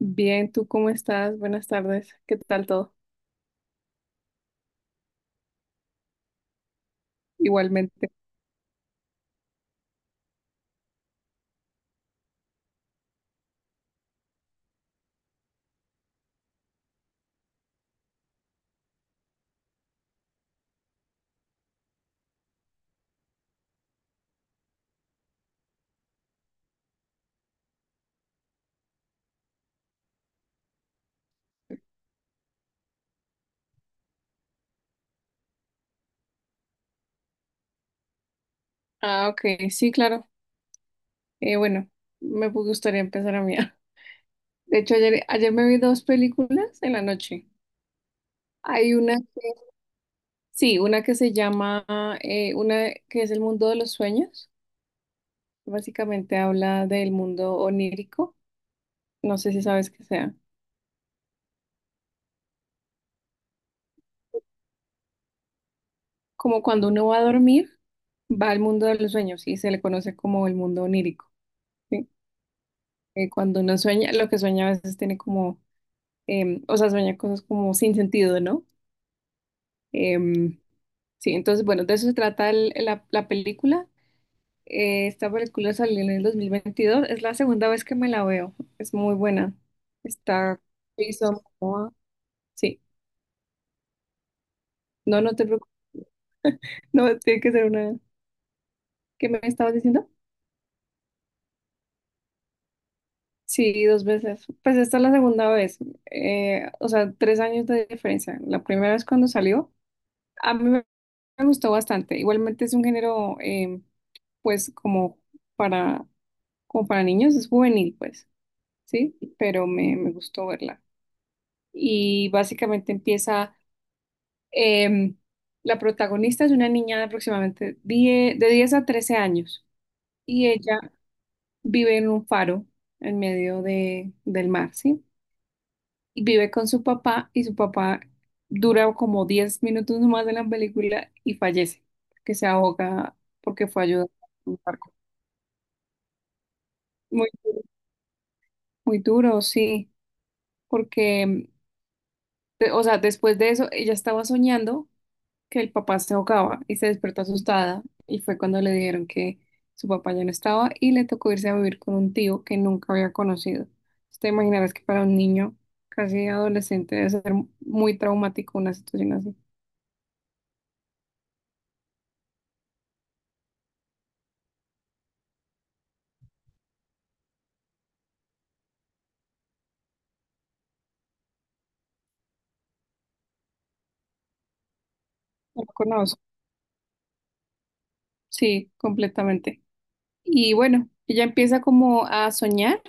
Bien, ¿tú cómo estás? Buenas tardes. ¿Qué tal todo? Igualmente. Ah, ok, sí, claro. Bueno, me gustaría empezar a mí. De hecho, ayer me vi dos películas en la noche. Hay una que, sí, una que se llama, una que es El mundo de los sueños. Básicamente habla del mundo onírico. No sé si sabes qué sea. Como cuando uno va a dormir, va al mundo de los sueños y se le conoce como el mundo onírico. ¿Sí? Cuando uno sueña, lo que sueña a veces tiene como o sea, sueña cosas como sin sentido, ¿no? Em, sí, entonces, bueno, de eso se trata la película. Esta película salió en el 2022. Es la segunda vez que me la veo, es muy buena. Está Jason Momoa. Sí, no, no te preocupes, no, tiene que ser una. ¿Qué me estabas diciendo? Sí, dos veces. Pues esta es la segunda vez, o sea, 3 años de diferencia. La primera vez cuando salió, a mí me gustó bastante. Igualmente es un género, pues, para, como para niños, es juvenil, pues, ¿sí? Pero me gustó verla. Y básicamente empieza, em, la protagonista es una niña de aproximadamente 10 de 10 a 13 años y ella vive en un faro en medio del mar, ¿sí? Y vive con su papá y su papá dura como 10 minutos más de la película y fallece, que se ahoga porque fue ayudado por un barco. Muy, muy duro, sí, porque, o sea, después de eso, ella estaba soñando que el papá se ahogaba y se despertó asustada y fue cuando le dijeron que su papá ya no estaba y le tocó irse a vivir con un tío que nunca había conocido. Entonces, te imaginarás que para un niño casi adolescente debe ser muy traumático una situación así. No lo conozco, sí, completamente. Y bueno, ella empieza como a soñar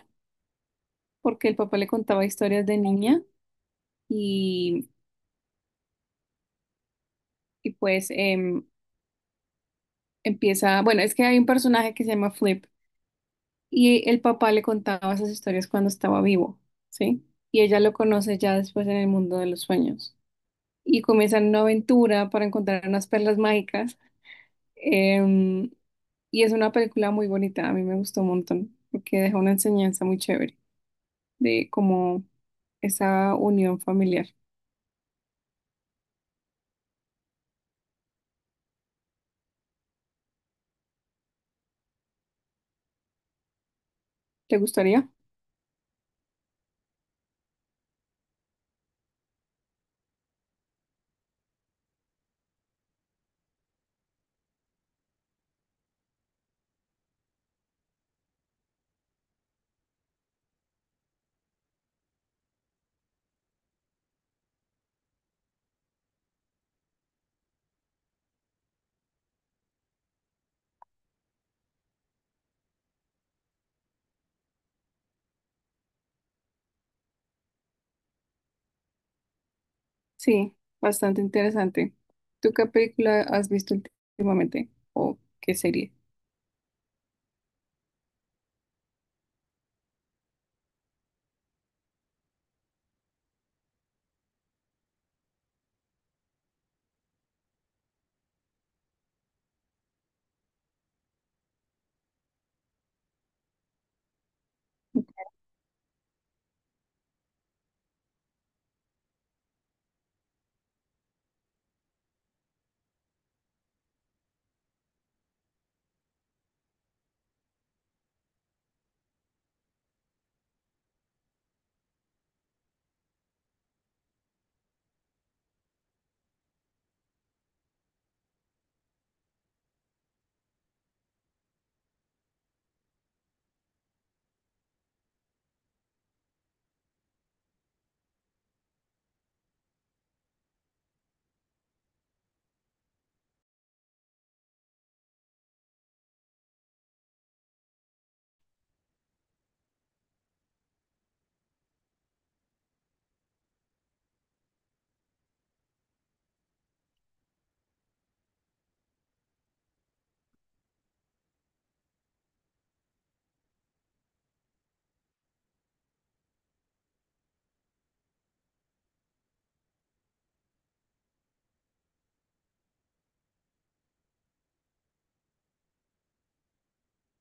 porque el papá le contaba historias de niña y, y pues empieza, bueno, es que hay un personaje que se llama Flip y el papá le contaba esas historias cuando estaba vivo, ¿sí? Y ella lo conoce ya después en el mundo de los sueños y comienzan una aventura para encontrar unas perlas mágicas, em, y es una película muy bonita, a mí me gustó un montón porque deja una enseñanza muy chévere de cómo esa unión familiar. ¿Te gustaría? Sí, bastante interesante. ¿Tú qué película has visto últimamente o qué serie?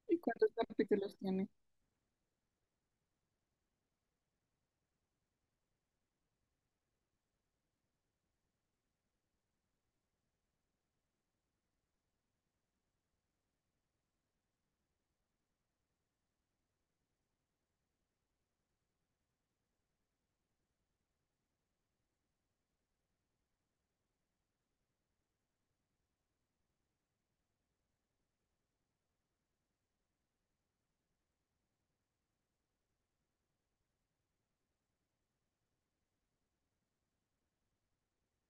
¿Y cuántos capítulos tiene?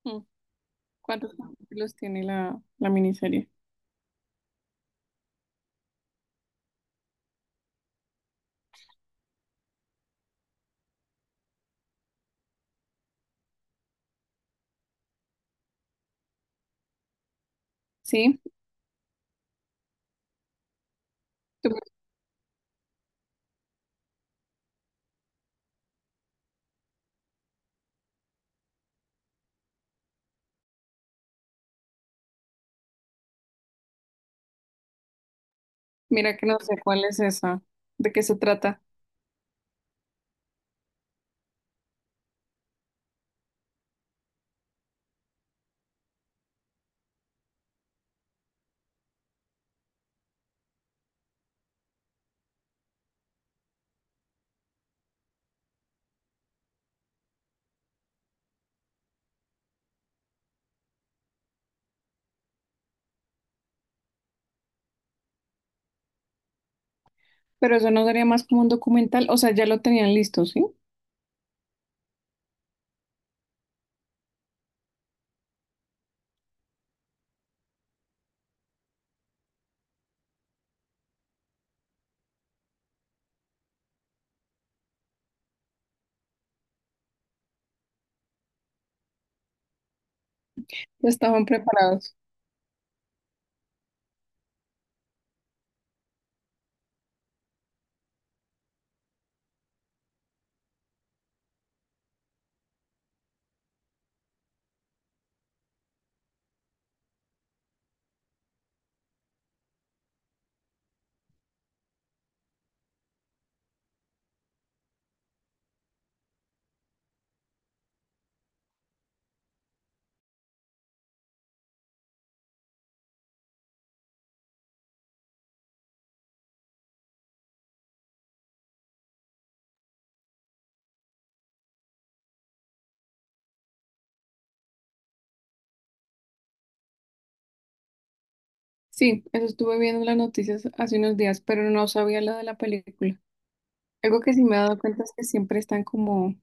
Mm, ¿Cuántos capítulos tiene la miniserie? Sí, tú- mira que no sé cuál es esa, de qué se trata, pero eso no sería más como un documental, o sea, ya lo tenían listo, ¿sí? Ya estaban preparados. Sí, eso estuve viendo en las noticias hace unos días, pero no sabía lo de la película. Algo que sí me he dado cuenta es que siempre están como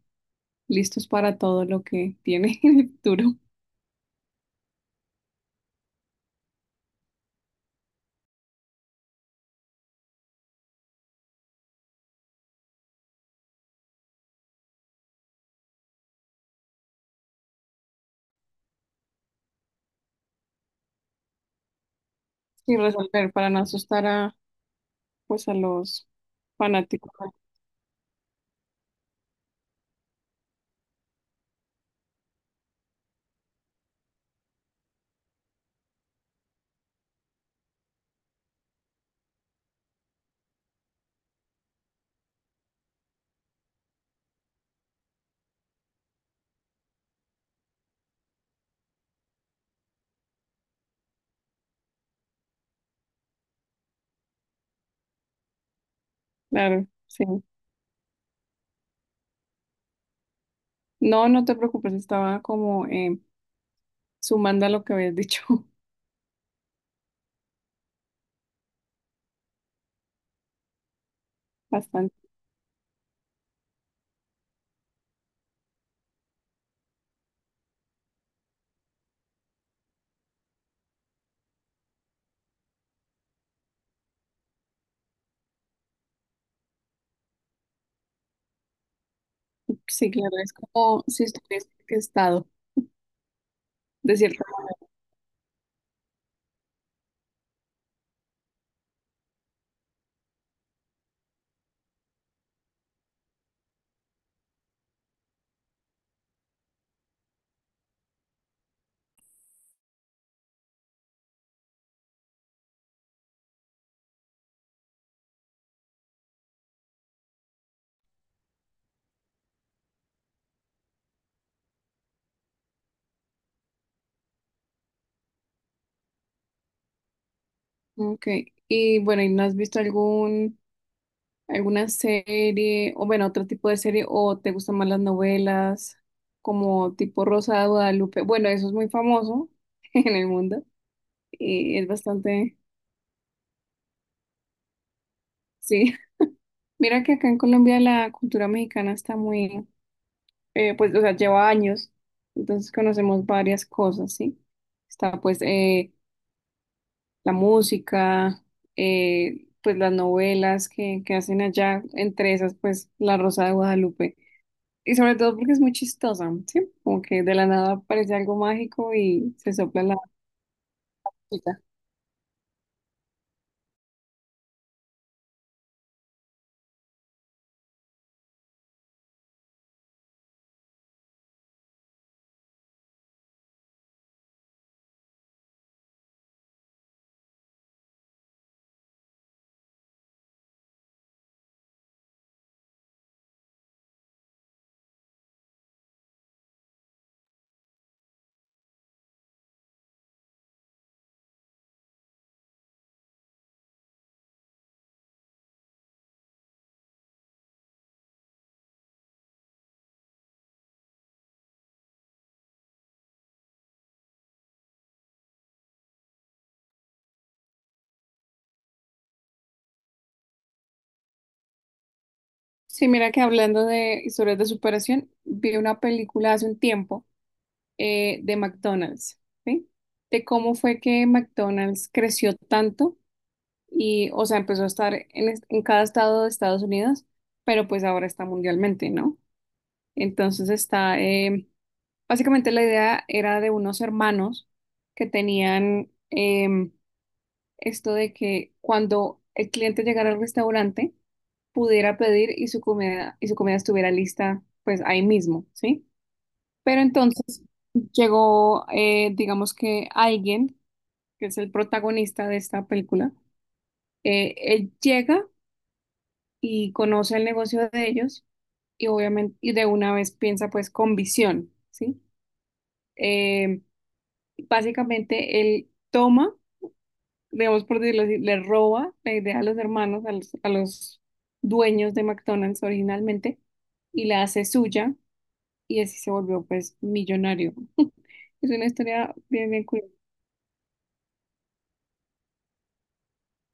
listos para todo lo que tiene en el futuro y resolver para no asustar a los fanáticos. Claro, sí. No, no te preocupes, estaba como sumando a lo que habías dicho. Bastante. Sí, claro, es como si estuvieras estado, de cierto modo. Ok, y bueno, ¿y no has visto alguna serie, o bueno, otro tipo de serie, o te gustan más las novelas, como tipo Rosa de Guadalupe? Bueno, eso es muy famoso en el mundo y es bastante, sí. Mira que acá en Colombia la cultura mexicana está muy pues, o sea, lleva años, entonces conocemos varias cosas, ¿sí? Está pues la música, pues las novelas que hacen allá, entre esas pues La Rosa de Guadalupe. Y sobre todo porque es muy chistosa, ¿sí? Como que de la nada aparece algo mágico y se sopla la varita. Sí, mira que hablando de historias de superación, vi una película hace un tiempo, de McDonald's, ¿sí? De cómo fue que McDonald's creció tanto y, o sea, empezó a estar en cada estado de Estados Unidos, pero pues ahora está mundialmente, ¿no? Entonces está, básicamente la idea era de unos hermanos que tenían, esto de que cuando el cliente llegara al restaurante pudiera pedir y su comida, estuviera lista, pues ahí mismo, ¿sí? Pero entonces llegó, digamos que alguien, que es el protagonista de esta película, él llega y conoce el negocio de ellos y obviamente y de una vez piensa pues con visión, ¿sí? Eh, básicamente él toma, digamos por decirlo así, le roba la idea a los hermanos, a los dueños de McDonald's originalmente y la hace suya y así se volvió pues millonario. Es una historia bien, bien curiosa.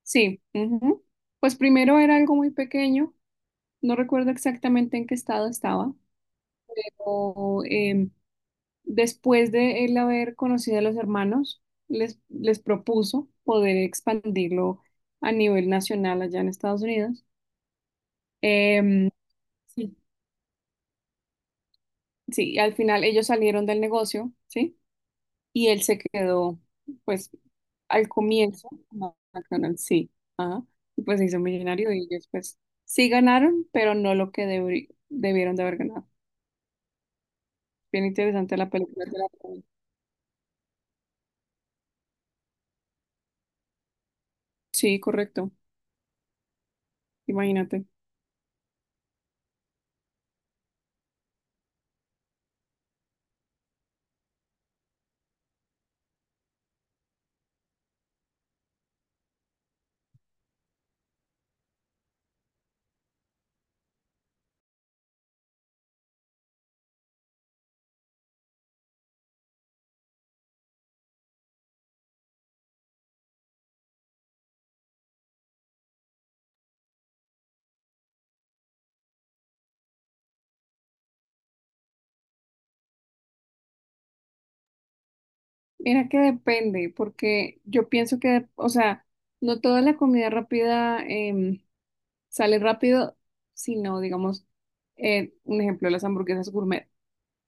Sí, ujú. Pues primero era algo muy pequeño, no recuerdo exactamente en qué estado estaba. o, em, Después de él haber conocido a los hermanos, les propuso poder expandirlo a nivel nacional allá en Estados Unidos. Em, sí, sí, al final ellos salieron del negocio, ¿sí? Y él se quedó, pues, al comienzo, como McDonald's, sí, ajá, y pues se hizo millonario y ellos, pues, sí ganaron, pero no lo que debieron de haber ganado. Bien interesante la película. Te la recomiendo. Sí, correcto, imagínate. Mira que depende, porque yo pienso que, o sea, no toda la comida rápida, sale rápido, sino, digamos, un ejemplo, las hamburguesas gourmet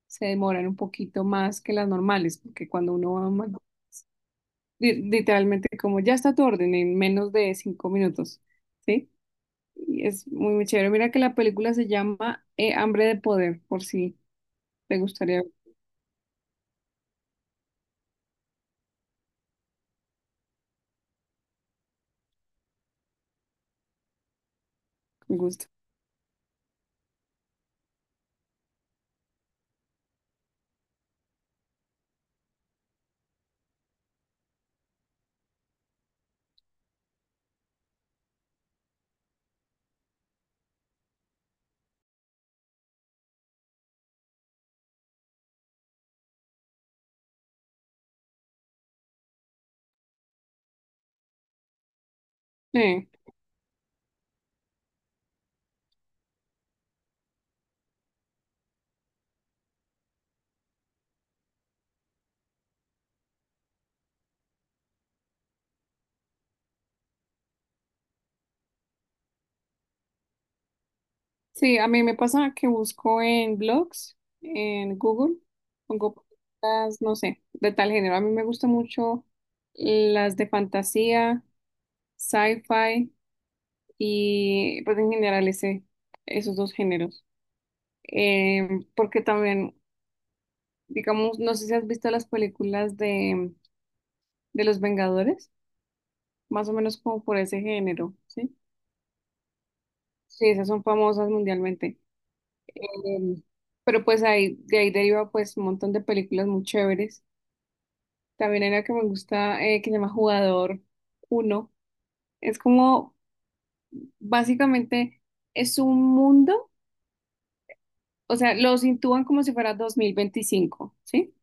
se demoran un poquito más que las normales, porque cuando uno va a un literalmente como ya está tu orden en menos de 5 minutos, ¿sí? Y es muy, muy chévere. Mira que la película se llama, Hambre de Poder, por si te gustaría, me gusta. Sí, a mí me pasa que busco en blogs, en Google, pongo podcast, no sé, de tal género. A mí me gustan mucho las de fantasía, sci-fi y pues en general esos dos géneros. Porque también, digamos, no sé si has visto las películas de Los Vengadores, más o menos como por ese género, ¿sí? Sí, esas son famosas mundialmente. Em, pero pues ahí, de ahí deriva pues un montón de películas muy chéveres. También hay una que me gusta, que se llama Jugador uno. Es como, básicamente, es un mundo, o sea, los intúan como si fuera 2025, ¿sí?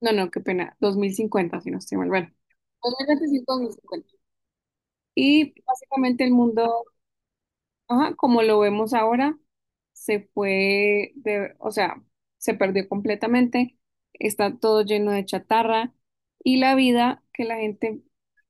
No, no, qué pena, 2050 si no estoy mal. Bueno, 2025, 2050. Y básicamente el mundo, ajá, como lo vemos ahora, se fue de, o sea, se perdió completamente, está todo lleno de chatarra y la vida que la gente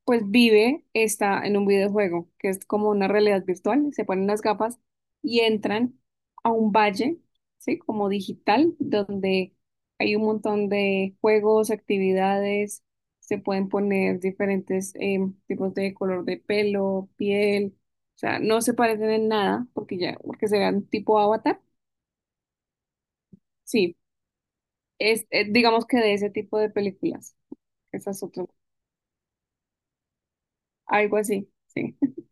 pues vive está en un videojuego, que es como una realidad virtual, se ponen las gafas y entran a un valle, ¿sí? Como digital, donde hay un montón de juegos, actividades, se pueden poner diferentes, tipos de color de pelo, piel, o sea, no se parecen en nada porque ya, porque serán tipo Avatar. Sí, es, digamos que de ese tipo de películas. Esas otras, algo así, sí.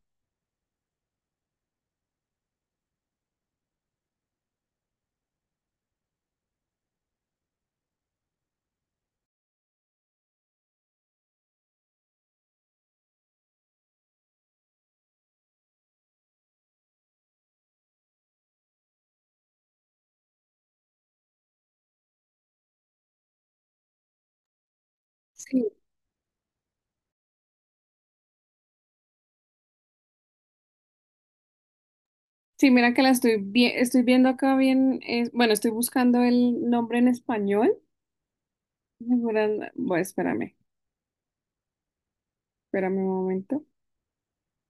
Sí, sí, mira que la estoy estoy viendo acá bien, bueno, estoy buscando el nombre en español. Segura- Bueno, espérame un momento.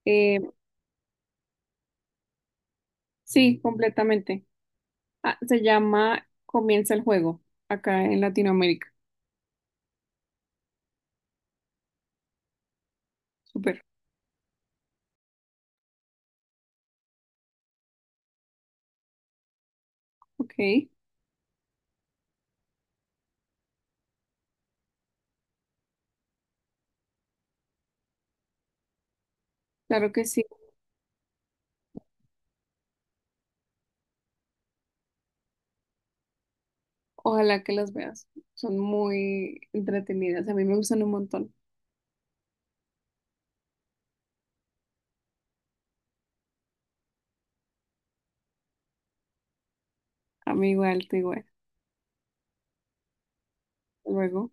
Eh, sí, completamente. Ah, se llama Comienza el juego acá en Latinoamérica. Súper, ok, claro que sí. Ojalá que las veas. Son muy entretenidas. A mí me gustan un montón. A mí igual, te igual. Luego.